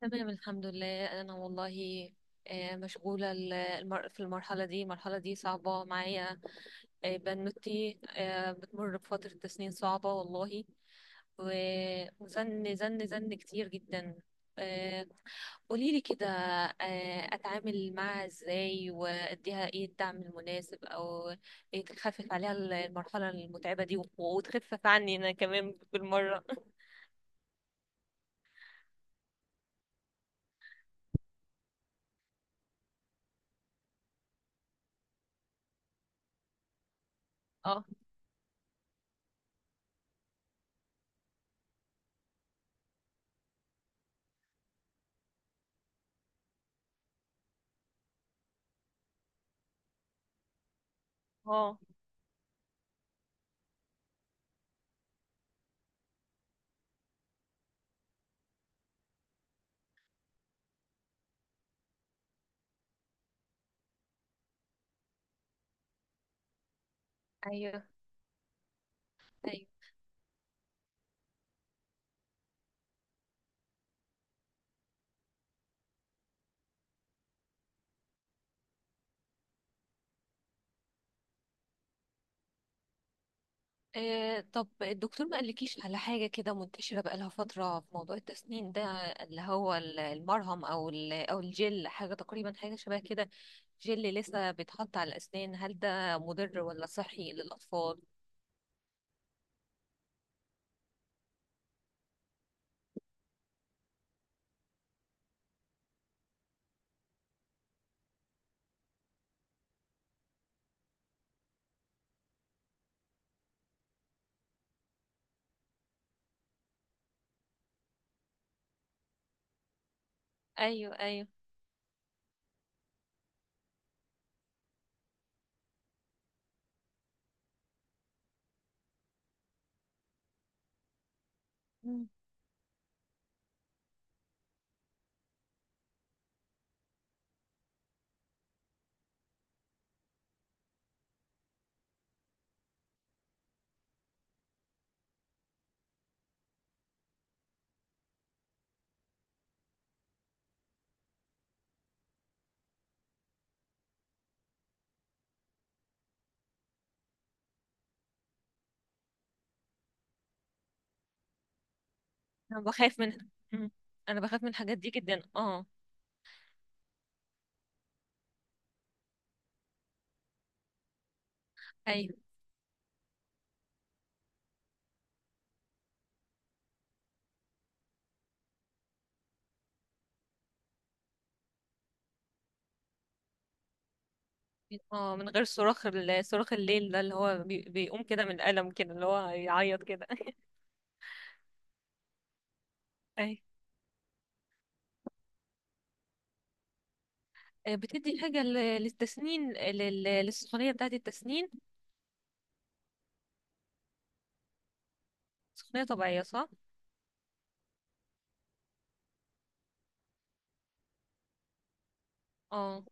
تمام الحمد لله انا والله. مشغوله في المرحله دي صعبه معايا. بنوتي بتمر بفتره تسنين صعبه والله. و- وزن زن زن كتير جدا. آه، قوليلي كده، اتعامل معاها ازاي واديها ايه الدعم المناسب او إيه تخفف عليها المرحله المتعبه دي وتخفف عني انا كمان بالمره اه اه، ايوه ايوه. طب الدكتور ما قالكيش على حاجة كده منتشرة بقالها فترة في موضوع التسنين ده، اللي هو المرهم أو أو الجل، حاجة تقريبا حاجة شبه كده. جل لسه بيتحط على الأسنان، هل ده مضر ولا صحي للأطفال؟ أيوه أيوه. مم. أنا بخاف من مم. أنا بخاف من الحاجات دي جدا. اه أيوه. اه، من غير صراخ صراخ الليل ده اللي هو بيقوم كده من الألم كده اللي هو يعيط كده أيوه. بتدي حاجة للتسنين، للسخونية بتاعة التسنين؟ سخونية طبيعية صح؟ اه.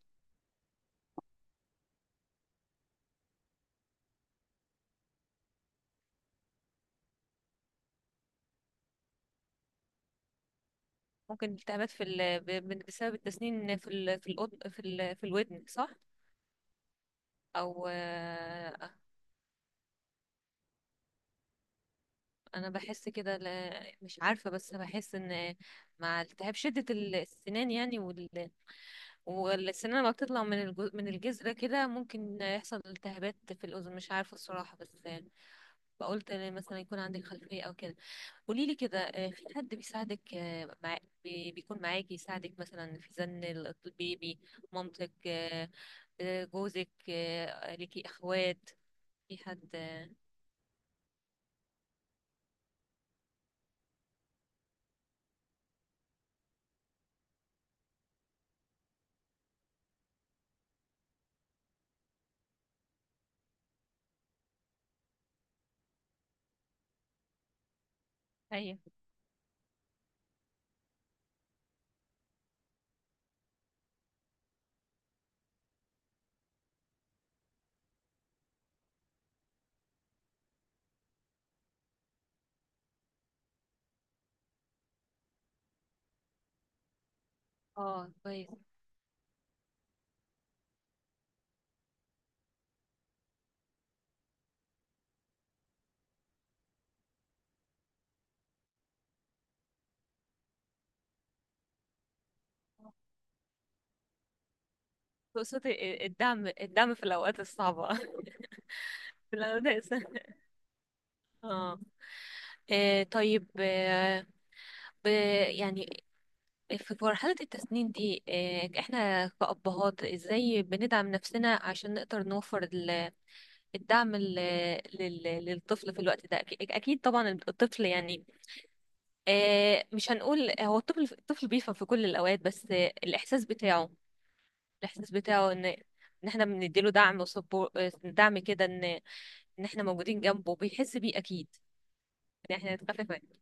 ممكن التهابات في بسبب التسنين في ال... في الأد... في ال... في الودن صح؟ او انا بحس كده، مش عارفة، بس بحس ان مع التهاب شدة السنان يعني، والسنان لما بتطلع من من الجذر كده ممكن يحصل التهابات في الأذن. مش عارفة الصراحة، بس بقولت مثلا يكون عندك خلفية او كده. قولي لي كده، في حد بيساعدك بيكون معاكي يساعدك مثلا في زن البيبي؟ مامتك، جوزك، ليكي اخوات، في حد ايوه. اه كويس. تقصدي الدعم، الدعم في الاوقات الصعبه في الاوقات الصعبة. اه. طيب، ب- يعني في مرحلة التسنين دي احنا كأبهات ازاي بندعم نفسنا عشان نقدر نوفر الدعم للطفل في الوقت ده؟ اكيد طبعا الطفل يعني مش هنقول هو الطفل، الطفل بيفهم في كل الاوقات، بس الاحساس بتاعه، الاحساس بتاعه ان احنا بنديله دعم وسبور، دعم كده ان احنا موجودين جنبه بيحس بيه اكيد. ان احنا نتخفف منه.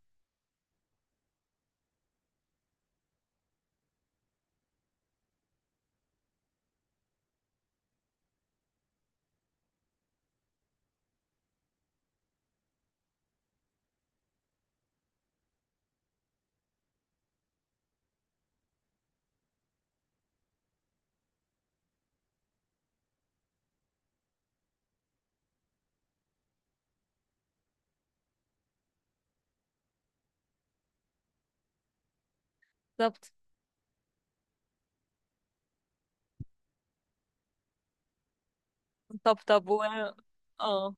بالظبط. طب اه.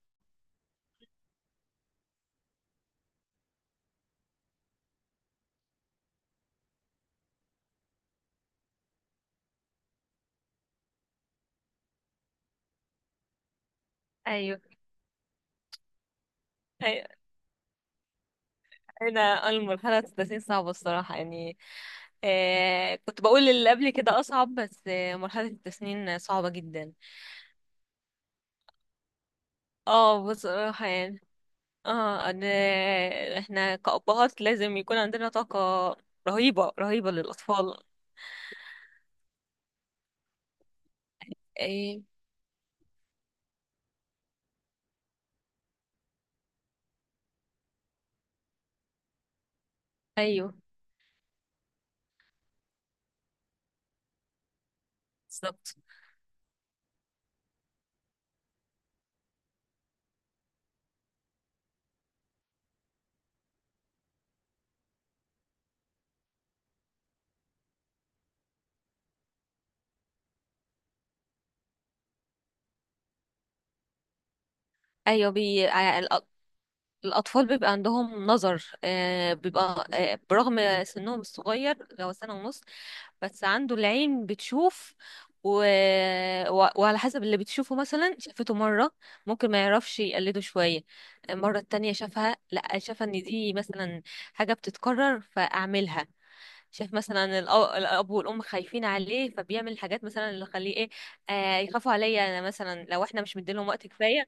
ايوه أيوة. هنا المرحله 36 صعبه الصراحه يعني. آه كنت بقول اللي قبل كده اصعب، بس آه مرحله التسنين صعبه جدا. اه بصراحة يعني. اه انا، احنا كأبهات لازم يكون عندنا طاقة رهيبة رهيبة للأطفال. ايه. ايوه بالظبط. ايوه بي... ع- الأ- الأطفال بيبقى عندهم نظر، آه بيبقى آه برغم سنهم الصغير لو سنة ونص، بس عنده العين بتشوف و... وعلى حسب اللي بتشوفه. مثلا شافته مرة ممكن ما يعرفش يقلده شوية، المرة التانية شافها لا، شاف ان دي مثلا حاجة بتتكرر فأعملها. شاف مثلا الأب والأم خايفين عليه فبيعمل حاجات مثلا اللي خليه ايه، آه يخافوا عليا انا، مثلا لو احنا مش مديلهم وقت كفاية.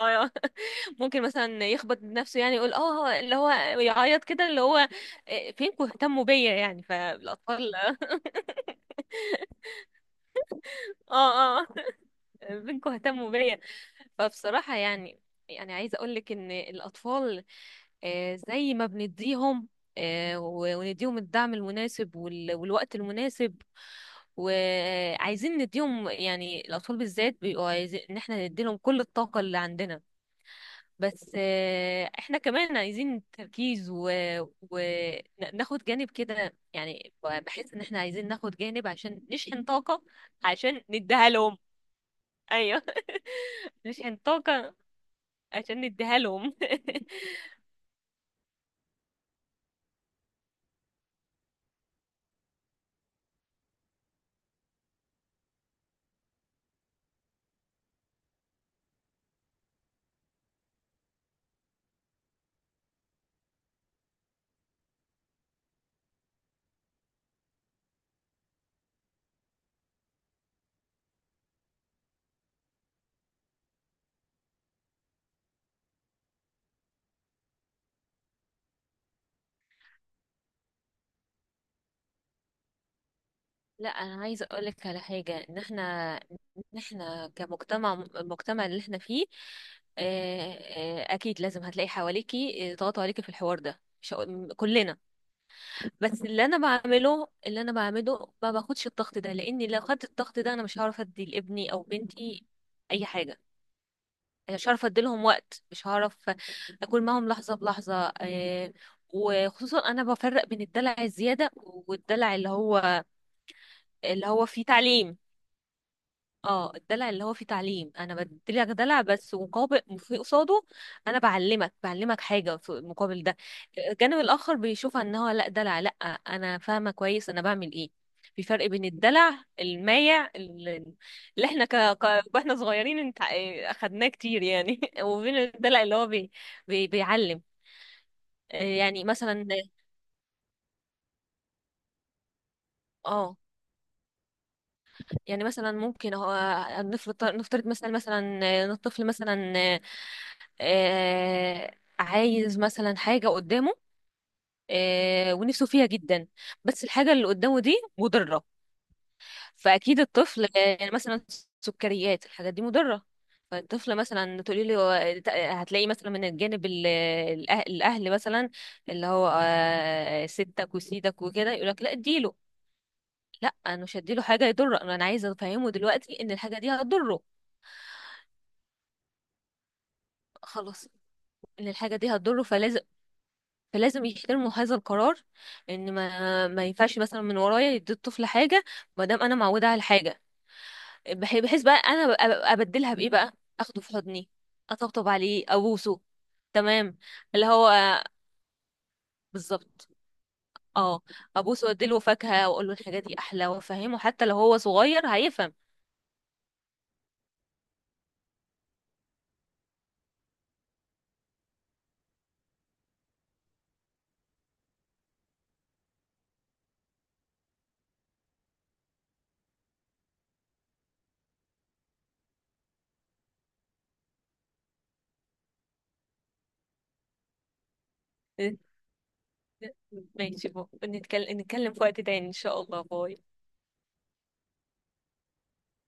آه ممكن مثلا يخبط نفسه يعني، يقول اه اللي هو يعيط كده اللي هو فينكم اهتموا بيا يعني فالأطفال اه اه، بنكوا اهتموا بيا. فبصراحة يعني، يعني عايزة أقولك إن الأطفال زي ما بنديهم ونديهم الدعم المناسب والوقت المناسب وعايزين نديهم، يعني الأطفال بالذات بيبقوا عايزين إن احنا نديلهم كل الطاقة اللي عندنا. بس احنا كمان عايزين تركيز وناخد جانب كده، يعني بحس إن احنا عايزين ناخد جانب عشان نشحن طاقة عشان نديها لهم. ايوه عشان طاقة عشان نديها لهم لا انا عايزه اقول لك على حاجه، ان احنا، احنا كمجتمع، المجتمع اللي احنا فيه آه، اكيد لازم هتلاقي حواليكي ضغط عليكي في الحوار ده، مش هقول- كلنا. بس اللي انا بعمله ما باخدش الضغط ده، لاني لو خدت الضغط ده انا مش هعرف ادي لابني او بنتي اي حاجه، مش هعرف اديلهم وقت، مش هعرف اكون معاهم لحظه بلحظه. وخصوصا انا بفرق بين الدلع الزياده والدلع اللي هو، اللي هو فيه تعليم. اه الدلع اللي هو فيه تعليم، انا بديلك دلع بس مقابل في قصاده، انا بعلمك حاجه في المقابل ده. الجانب الاخر بيشوفها ان هو لا دلع لا، انا فاهمه كويس انا بعمل ايه. في فرق بين الدلع المايع اللي، اللي احنا واحنا صغيرين انت اخدناه كتير يعني وبين الدلع اللي هو بيعلم. يعني مثلا، اه يعني مثلا ممكن هو، نفترض مثلا، الطفل مثلا آه عايز مثلا حاجة قدامه آه ونفسه فيها جدا، بس الحاجة اللي قدامه دي مضرة. فأكيد الطفل آه مثلا سكريات، الحاجات دي مضرة. فالطفل مثلا تقولي له، هتلاقي مثلا من الجانب الأهل مثلا، اللي هو آه ستك وسيدك وكده يقولك لا اديله. لا، انا مش هديله حاجه يضره، أنا عايزه افهمه دلوقتي ان الحاجه دي هتضره. خلاص. ان الحاجه دي هتضره فلازم فلازم يحترموا هذا القرار، ان ما ينفعش مثلا من ورايا يدي الطفل حاجه، ما دام انا معوده على الحاجه. بحيث بقى انا ببقى ابدلها بايه بقى، اخده في حضني، اطبطب عليه، ابوسه. تمام. اللي هو بالظبط. اه، ابوسه واديله فاكهه واقول له الحاجه دي احلى، وافهمه حتى لو هو صغير هيفهم ماشي بو. نتكلم في وقت تاني ان شاء الله. باي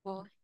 باي.